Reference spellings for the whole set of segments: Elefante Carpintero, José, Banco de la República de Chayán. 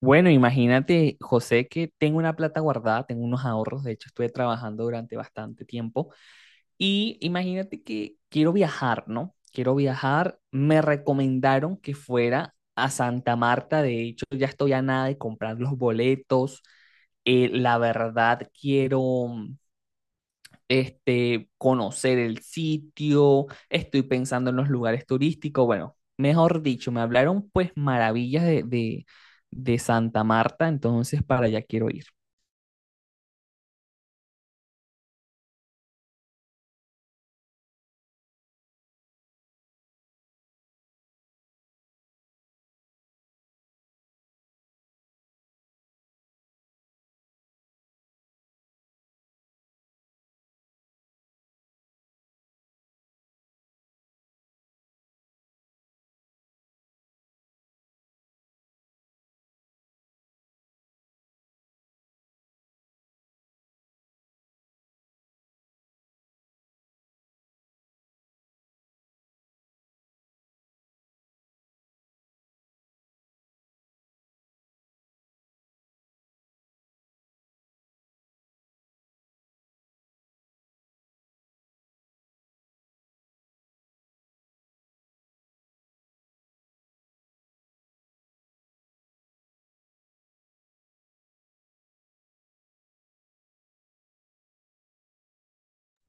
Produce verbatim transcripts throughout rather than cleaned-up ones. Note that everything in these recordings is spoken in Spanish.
Bueno, imagínate, José, que tengo una plata guardada, tengo unos ahorros. De hecho estuve trabajando durante bastante tiempo y imagínate que quiero viajar, ¿no? Quiero viajar, me recomendaron que fuera a Santa Marta, de hecho ya estoy a nada de comprar los boletos, eh, la verdad quiero, este, conocer el sitio, estoy pensando en los lugares turísticos. Bueno, mejor dicho, me hablaron pues maravillas de, de, de Santa Marta, entonces para allá quiero ir.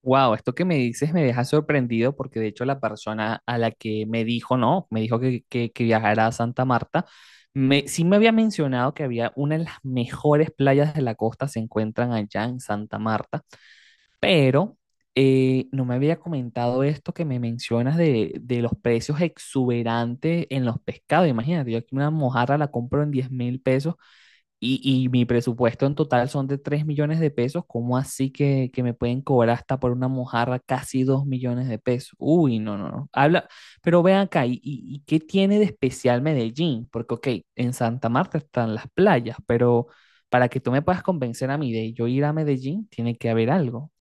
Wow, esto que me dices me deja sorprendido, porque de hecho la persona a la que me dijo, no, me dijo que, que, que viajara a Santa Marta, me, sí me había mencionado que había una de las mejores playas de la costa se encuentran allá en Santa Marta. Pero eh, no me había comentado esto que me mencionas de, de los precios exuberantes en los pescados. Imagínate, yo aquí una mojarra la compro en diez mil pesos, y, y mi presupuesto en total son de tres millones de pesos. ¿Cómo así que, que me pueden cobrar hasta por una mojarra casi dos millones de pesos? Uy, no, no, no. Habla, pero ve acá, ¿y, y- y qué tiene de especial Medellín? Porque, ok, en Santa Marta están las playas, pero para que tú me puedas convencer a mí de yo ir a Medellín, tiene que haber algo.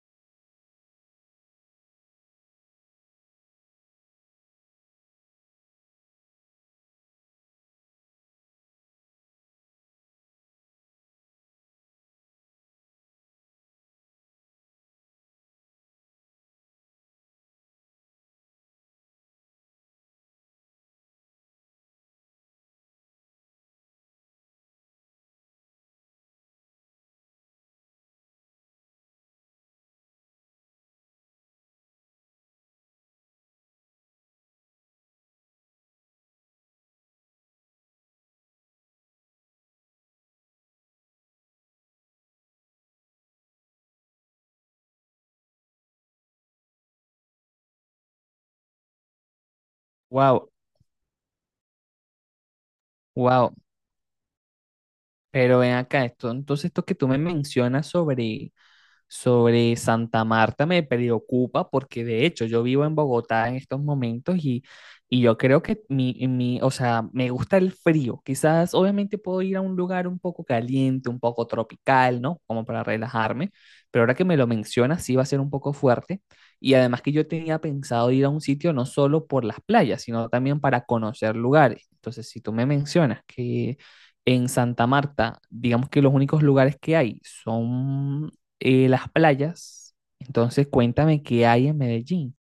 Wow, wow. Pero ven acá esto. Entonces, esto que tú me mencionas sobre, sobre Santa Marta me preocupa, porque de hecho yo vivo en Bogotá en estos momentos y, y yo creo que mi, mi, o sea, me gusta el frío. Quizás obviamente puedo ir a un lugar un poco caliente, un poco tropical, ¿no? Como para relajarme, pero ahora que me lo mencionas sí va a ser un poco fuerte. Y además que yo tenía pensado ir a un sitio no solo por las playas, sino también para conocer lugares. Entonces, si tú me mencionas que en Santa Marta, digamos que los únicos lugares que hay son eh, las playas. Entonces, cuéntame qué hay en Medellín.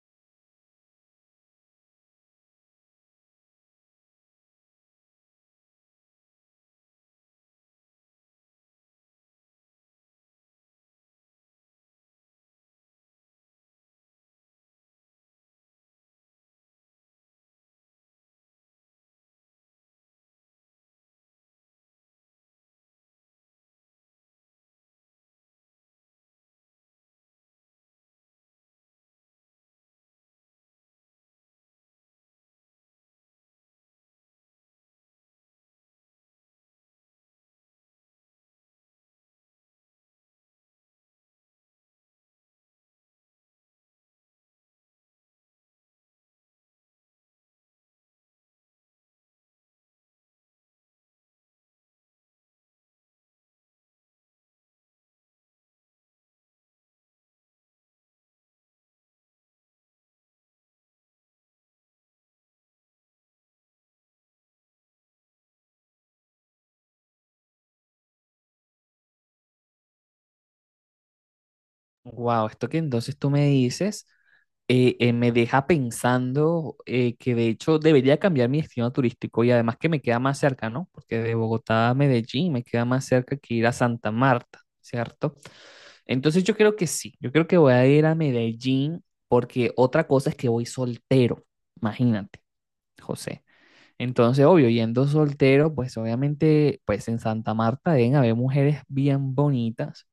Wow, esto que entonces tú me dices eh, eh, me deja pensando, eh, que de hecho debería cambiar mi destino turístico, y además que me queda más cerca, ¿no? Porque de Bogotá a Medellín me queda más cerca que ir a Santa Marta, ¿cierto? Entonces yo creo que sí, yo creo que voy a ir a Medellín, porque otra cosa es que voy soltero, imagínate, José. Entonces, obvio, yendo soltero, pues obviamente, pues en Santa Marta deben haber mujeres bien bonitas,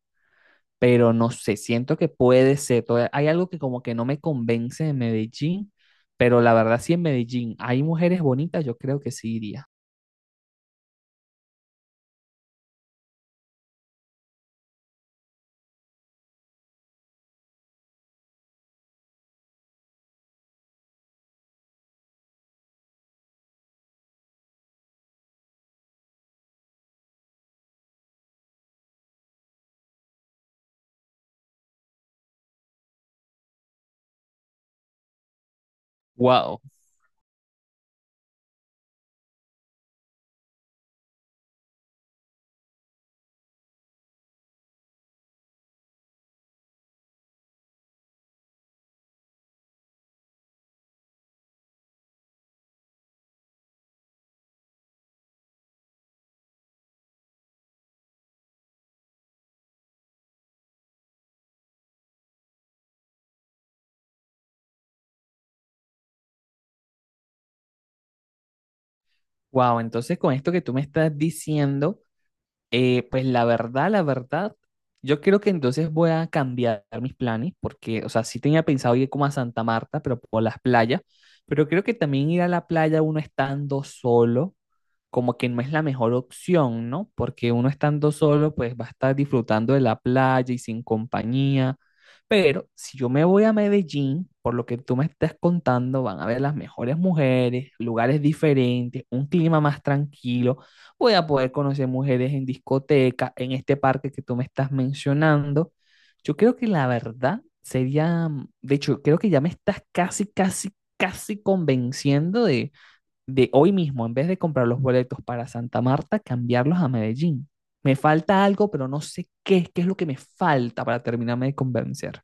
pero no sé, siento que puede ser. Todavía- hay algo que como que no me convence de Medellín, pero la verdad sí en Medellín hay mujeres bonitas, yo creo que sí iría. Wow, wow. Entonces, con esto que tú me estás diciendo, eh, pues la verdad, la verdad, yo creo que entonces voy a cambiar mis planes porque, o sea, sí tenía pensado ir como a Santa Marta, pero por las playas. Pero creo que también ir a la playa uno estando solo, como que no es la mejor opción, ¿no? Porque uno estando solo, pues va a estar disfrutando de la playa y sin compañía, pero si yo me voy a Medellín, por lo que tú me estás contando, van a ver las mejores mujeres, lugares diferentes, un clima más tranquilo, voy a poder conocer mujeres en discoteca, en este parque que tú me estás mencionando. Yo creo que la verdad sería, mm, de hecho, creo que ya me estás casi, casi, casi convenciendo de, de hoy mismo, en vez de comprar los boletos para Santa Marta, cambiarlos a Medellín. Me falta algo, pero no sé qué, qué es lo que me falta para terminarme de convencer.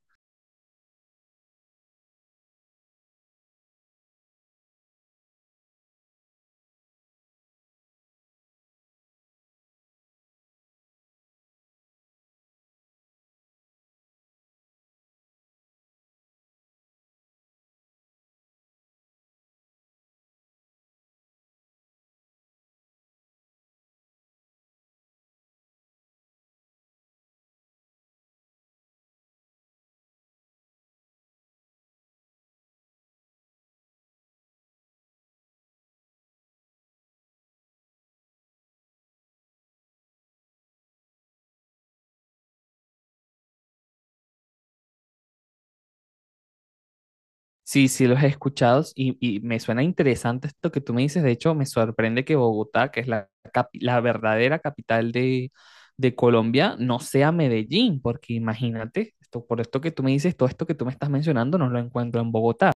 Sí, sí, los he escuchado, y, y me suena interesante esto que tú me dices. De hecho, me sorprende que Bogotá, que es la, capi- la verdadera capital de, de Colombia, no sea Medellín, porque imagínate, esto, por esto que tú me dices, todo esto que tú me estás mencionando, no lo encuentro en Bogotá.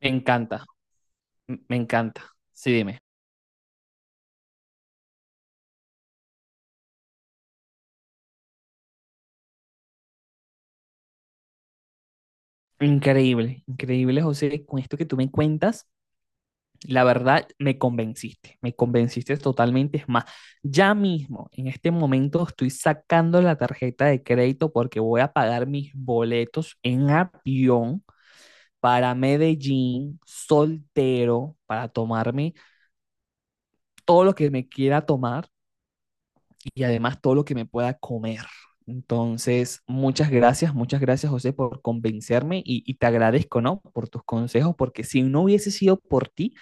Me encanta, m- me encanta. Sí, dime. Increíble, increíble, José, con esto que tú me cuentas. La verdad, me convenciste, me convenciste totalmente. Es más, ya mismo, en este momento, estoy sacando la tarjeta de crédito porque voy a pagar mis boletos en avión para Medellín, soltero, para tomarme todo lo que me quiera tomar, y además todo lo que me pueda comer. Entonces, muchas gracias, muchas gracias José por convencerme, y, y te agradezco, ¿no? Por tus consejos, porque si no hubiese sido por ti,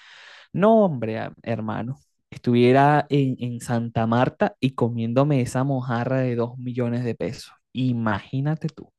no, hombre, a- hermano, estuviera en, en Santa Marta y comiéndome esa mojarra de dos millones de pesos. Imagínate tú.